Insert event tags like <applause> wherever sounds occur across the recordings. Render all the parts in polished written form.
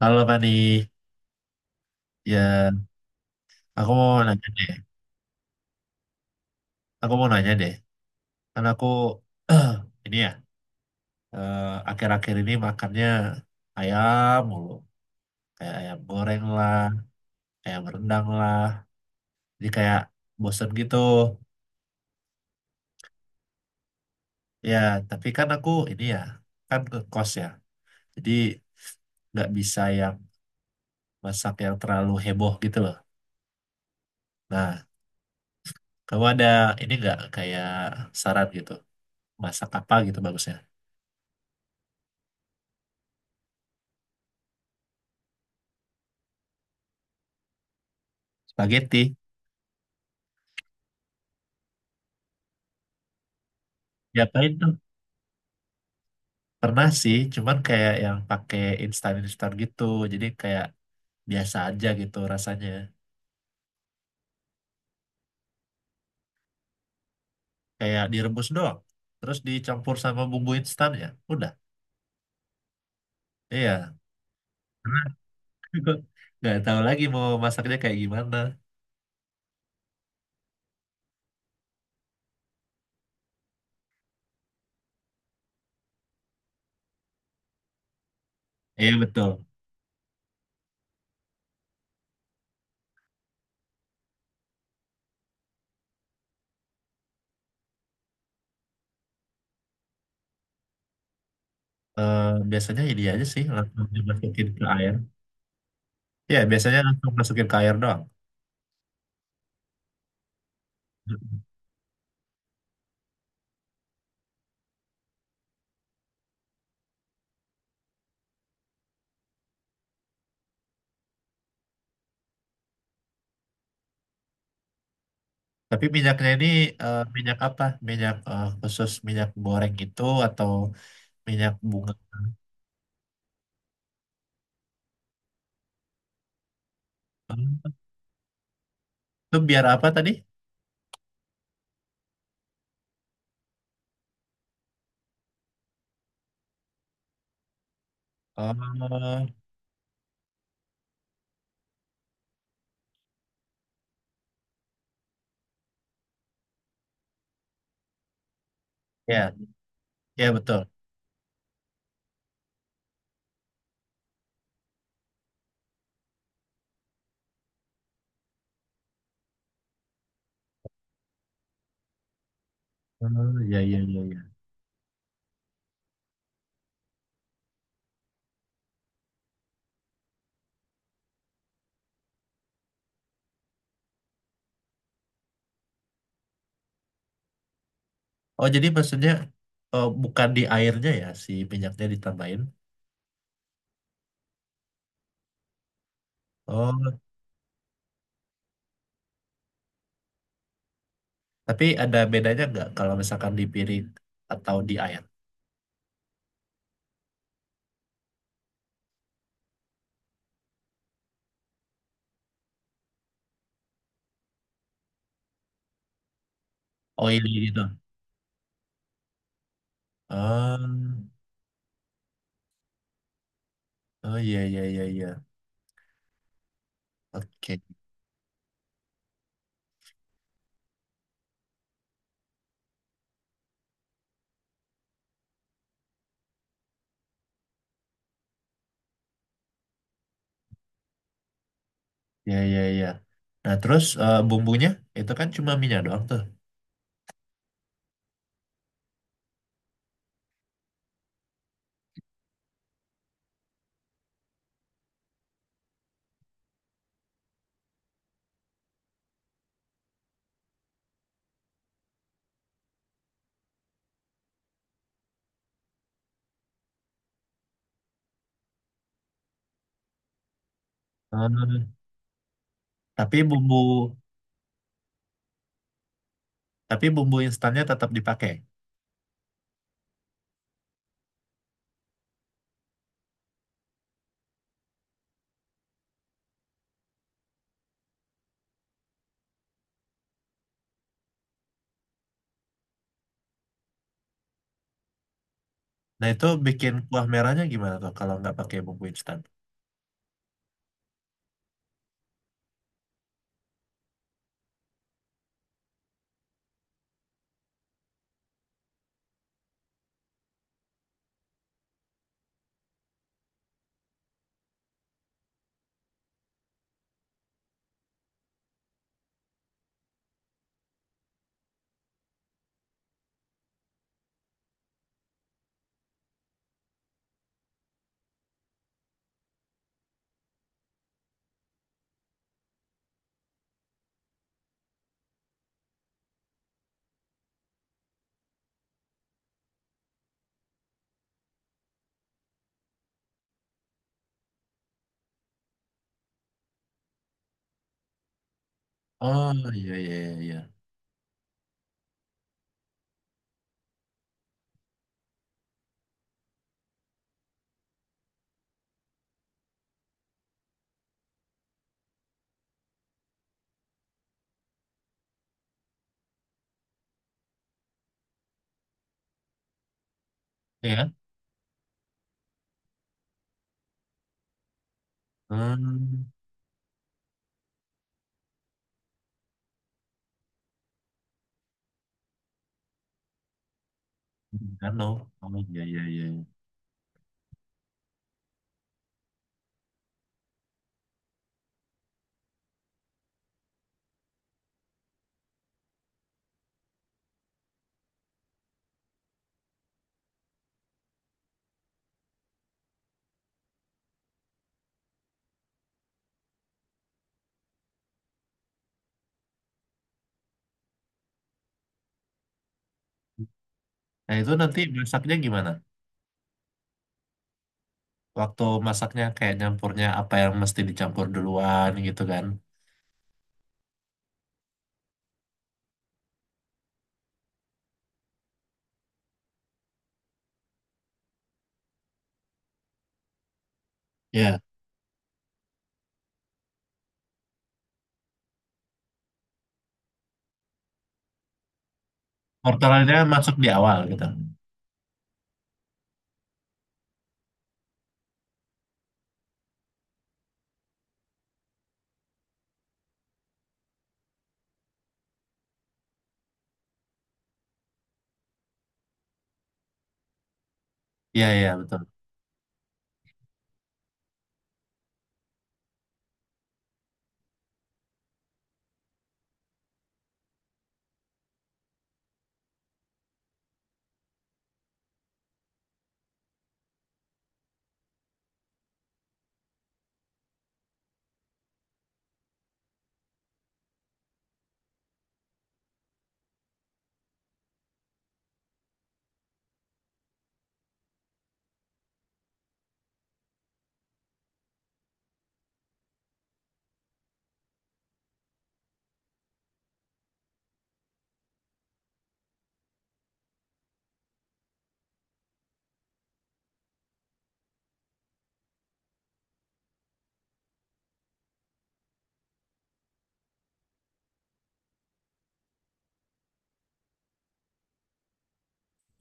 Halo Fani, ya aku mau nanya deh, aku mau nanya deh, kan aku <clears throat> ini ya eh, akhir-akhir ini makannya ayam mulu, kayak ayam goreng lah, ayam rendang lah, jadi kayak bosen gitu. Ya, tapi kan aku ini ya, kan ke kos ya, jadi nggak bisa yang masak yang terlalu heboh gitu loh. Nah, kamu ada ini nggak kayak saran gitu, masak apa gitu bagusnya? Spaghetti, diapain? Pernah sih, cuman kayak yang pakai instan-instan gitu. Jadi kayak biasa aja gitu rasanya. Kayak direbus doang. Terus dicampur sama bumbu instan ya. Udah. Iya. Karena <laughs> nggak tahu lagi mau masaknya kayak gimana. Iya betul. Eh, biasanya ini aja sih langsung dimasukin ke air. Ya biasanya langsung masukin ke air doang. Tapi minyaknya ini minyak apa? Minyak khusus minyak goreng itu atau minyak bunga? Hmm, itu biar apa tadi? Oh, ya, ya betul. Oh, ya, ya, ya, ya. Oh, jadi maksudnya bukan di airnya ya si minyaknya ditambahin. Oh, tapi ada bedanya nggak kalau misalkan di piring atau di air? Oily gitu. Oh, iya, iya, iya, iya. Ah, oh ya, ya, ya, ya. Oke, ya, ya, ya. Nah, terus bumbunya itu kan cuma minyak doang tuh. Hmm, tapi bumbu, tapi bumbu instannya tetap dipakai. Nah, itu bikin kuah merahnya gimana tuh kalau nggak pakai bumbu instan? Oh iya iya iya iya. Iya kan? Hmm, kan loh. Oh iya iya iya, iya. Nah itu nanti masaknya gimana? Waktu masaknya kayak nyampurnya apa yang mesti dicampur duluan gitu kan? Iya. Mortadelnya masuk di awal gitu. Iya iya betul.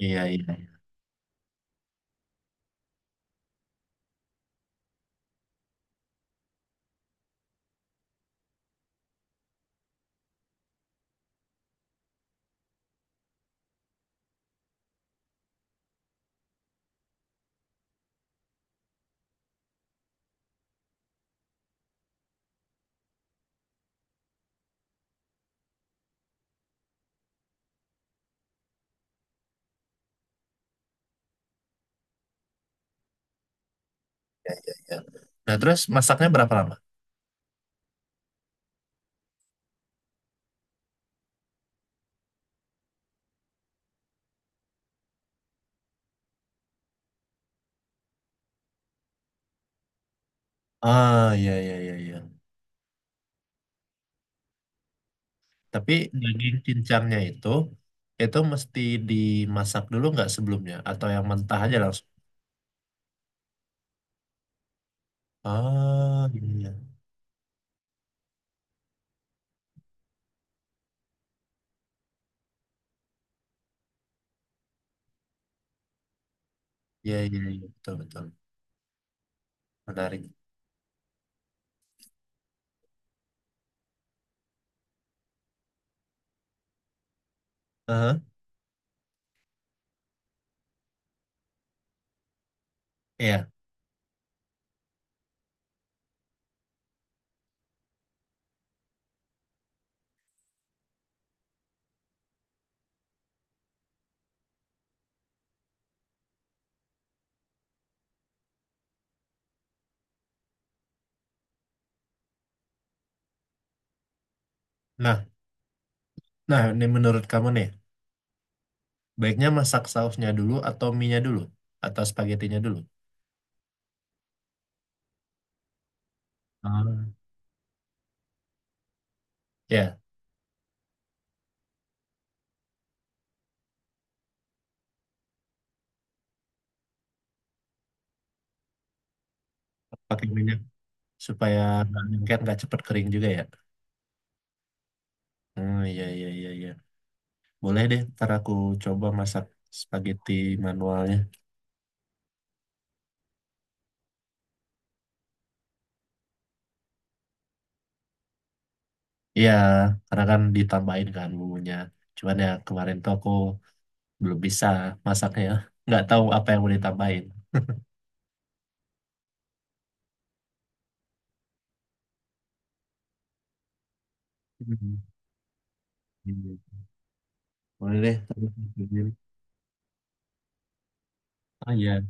Iya iya, iya. Nah terus masaknya berapa lama? Ah iya iya iya iya. Tapi daging cincangnya itu mesti dimasak dulu nggak sebelumnya atau yang mentah aja langsung? Ah iya iya iya iya betul betul. Menarik. Heeh, iya. Nah, nah, ini menurut kamu nih, baiknya masak sausnya dulu atau minyak dulu atau spagettinya dulu? Ah. Ya, pakai minyak supaya nggak lengket, nggak cepet kering juga ya. Hmm, iya, iya, iya, iya. Boleh deh, ntar aku coba masak spaghetti manualnya. Iya, karena kan ditambahin kan bumbunya. Cuman ya kemarin tuh aku belum bisa masaknya. Nggak tahu apa yang mau ditambahin. Hmm, iya. Boleh deh, ntar aku cobain. Ah, iya.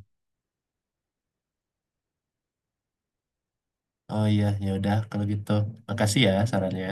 Oh iya, ya udah kalau gitu. Makasih ya sarannya.